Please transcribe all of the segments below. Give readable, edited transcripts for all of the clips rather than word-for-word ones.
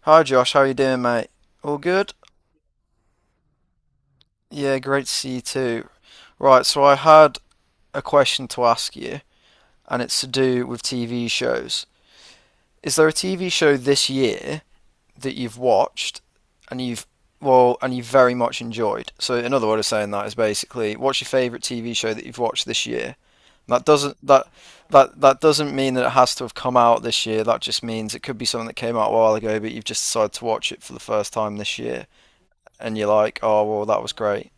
Hi Josh, how you doing, mate? All good? Yeah, great to see you too. Right, so I had a question to ask you, and it's to do with TV shows. Is there a TV show this year that you've watched and you've well, and you've very much enjoyed? So another way of saying that is basically, what's your favorite TV show that you've watched this year? That doesn't that that doesn't mean that it has to have come out this year. That just means it could be something that came out a while ago, but you've just decided to watch it for the first time this year. And you're like, oh well, that was great.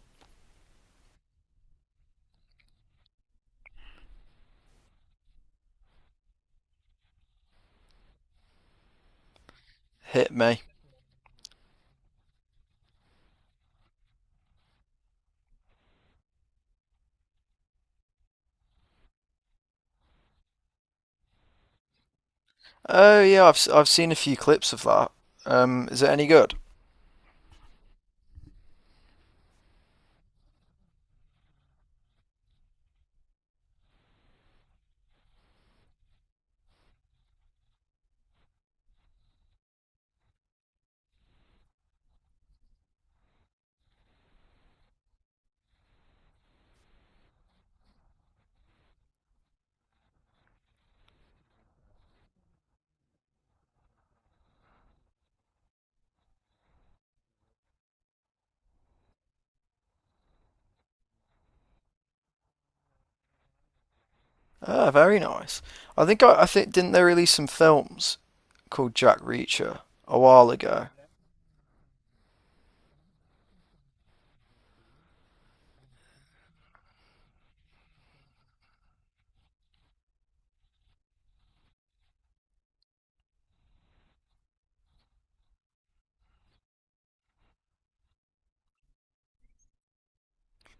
Hit me. Oh yeah, I've seen a few clips of that. Is it any good? Ah, very nice. I think didn't they release some films called Jack Reacher a while ago?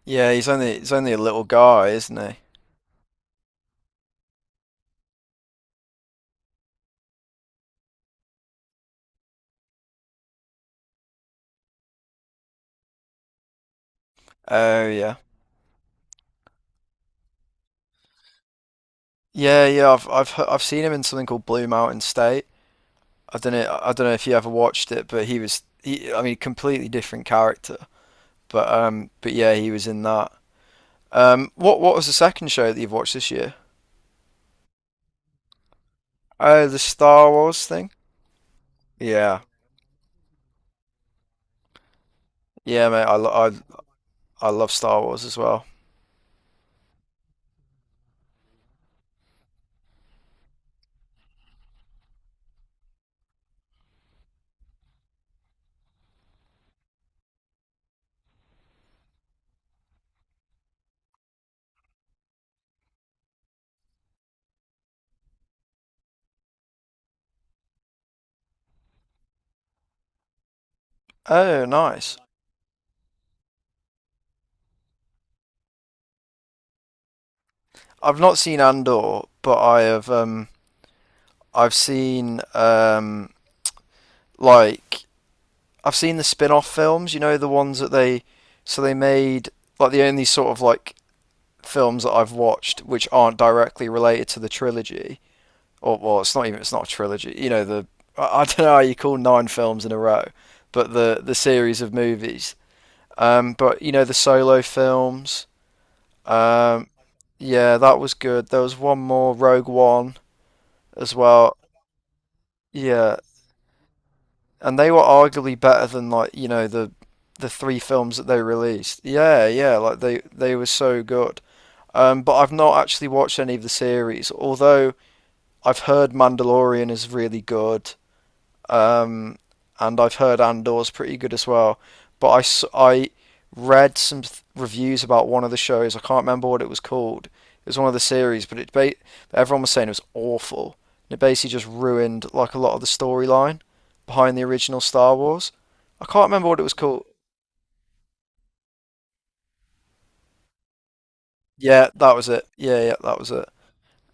Yeah, he's only a little guy, isn't he? Oh yeah, yeah, yeah. I've seen him in something called Blue Mountain State. I don't know if you ever watched it, but I mean, completely different character. But yeah, he was in that. What was the second show that you've watched this year? Oh, the Star Wars thing? Yeah. Yeah, mate, I love Star Wars as well. Oh, nice. I've not seen Andor, but I have I've seen like I've seen the spin-off films, you know, the ones that they so they made like the only sort of like films that I've watched which aren't directly related to the trilogy. Or well, it's not a trilogy. You know, the I don't know how you call nine films in a row, but the series of movies. But you know the solo films. Um, yeah, that was good. There was one more, Rogue One as well. Yeah, and they were arguably better than like you know the three films that they released. Yeah, yeah, like they were so good. But I've not actually watched any of the series, although I've heard Mandalorian is really good. um, and I've heard Andor's pretty good as well. But I read some reviews about one of the shows. I can't remember what it was called. It was one of the series, but everyone was saying it was awful. And it basically just ruined like a lot of the storyline behind the original Star Wars. I can't remember what it was called. Yeah, that was it. Yeah, yeah, that was it.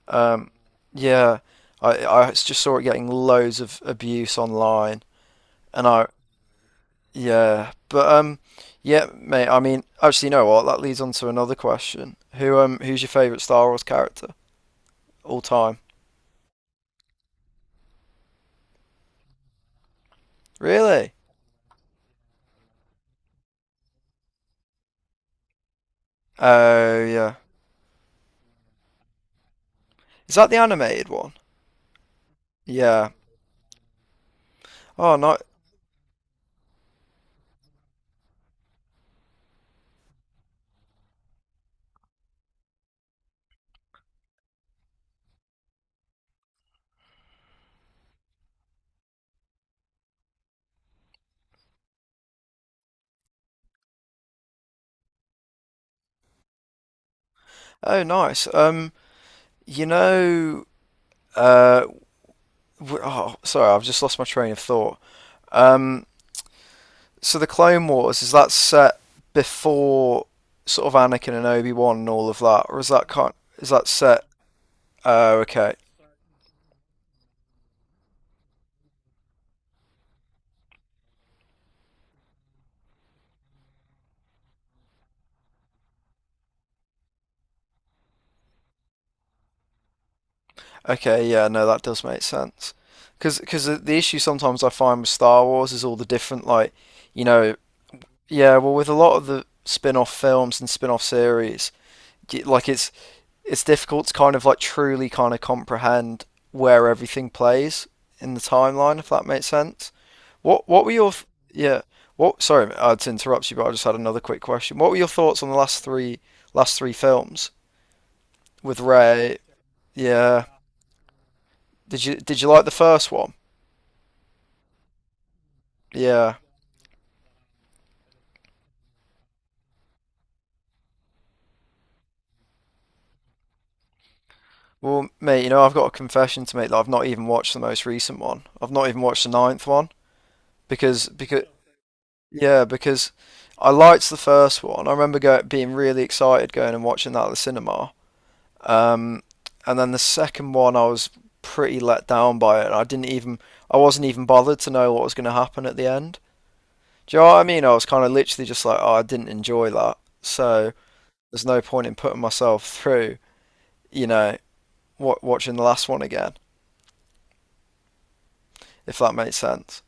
Um, yeah, I just saw it getting loads of abuse online, and I yeah, but yeah, mate. I mean, actually, you know what? That leads on to another question. Who who's your favorite Star Wars character all time? Really? Oh yeah. Is that the animated one? Yeah. Oh no. Oh nice. You know, uh, oh sorry, I've just lost my train of thought. Um, so the Clone Wars, is that set before sort of Anakin and Obi-Wan and all of that, or is that kind? Is that set? Oh okay. Okay, yeah, no, that does make sense. Because the issue sometimes I find with Star Wars is all the different, like, you know, yeah, well, with a lot of the spin-off films and spin-off series, like it's difficult to kind of like truly kind of comprehend where everything plays in the timeline, if that makes sense. What were your th- yeah? What sorry, to interrupt you, but I just had another quick question. What were your thoughts on the last three films with Ray? Yeah, did you like the first one? Yeah. Well, mate, you know, I've got a confession to make that I've not even watched the most recent one. I've not even watched the ninth one because yeah, because I liked the first one. I remember being really excited going and watching that at the cinema. Um, and then the second one, I was pretty let down by it. I wasn't even bothered to know what was going to happen at the end. Do you know what I mean? I was kind of literally just like, oh, I didn't enjoy that. So there's no point in putting myself through, you know, wa watching the last one again, if that makes sense.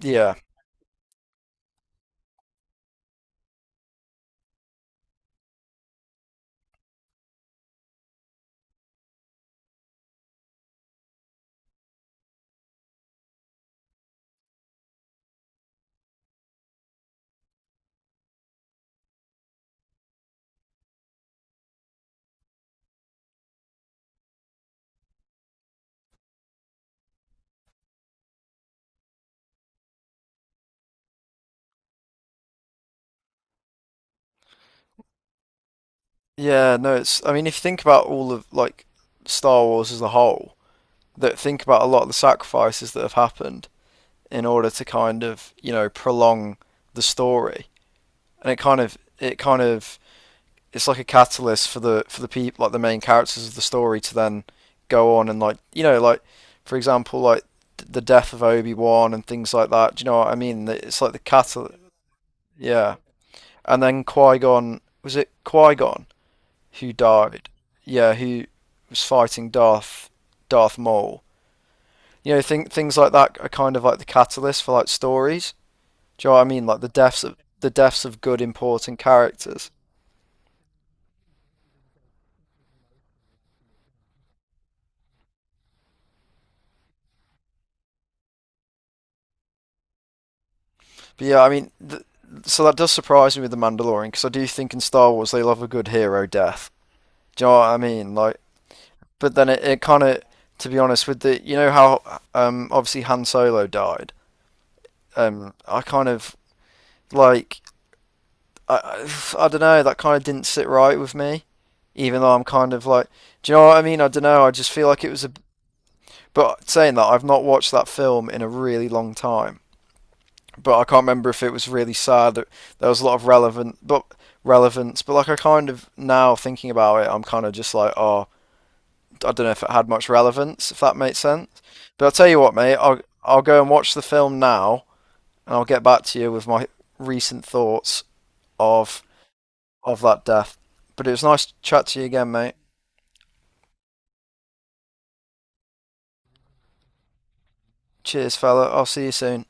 Yeah. Yeah, no, it's I mean, if you think about all of like Star Wars as a whole, that think about a lot of the sacrifices that have happened in order to kind of, you know, prolong the story. And it kind of it's like a catalyst for the people, like the main characters of the story, to then go on and like you know like for example like the death of Obi-Wan and things like that. Do you know what I mean? It's like the catalyst. Yeah. And then Qui-Gon was it Qui-Gon, who died. Yeah, who was fighting Darth Maul. You know, think things like that are kind of like the catalyst for like stories. Do you know what I mean? Like the deaths of good important characters. But yeah, I mean, so that does surprise me with the Mandalorian, because I do think in Star Wars they love a good hero death. Do you know what I mean? Like, but then it kind of, to be honest, with the you know how obviously Han Solo died. I kind of like I, I don't know. That kind of didn't sit right with me, even though I'm kind of like, do you know what I mean? I don't know. I just feel like it was a. But saying that, I've not watched that film in a really long time. But I can't remember if it was really sad. That There was a lot of relevant, but relevance. But like, I kind of now thinking about it, I'm kind of just like, oh, I don't know if it had much relevance, if that makes sense. But I'll tell you what, mate. I'll go and watch the film now, and I'll get back to you with my recent thoughts of of that death. But it was nice to chat to you again, mate. Cheers, fella. I'll see you soon.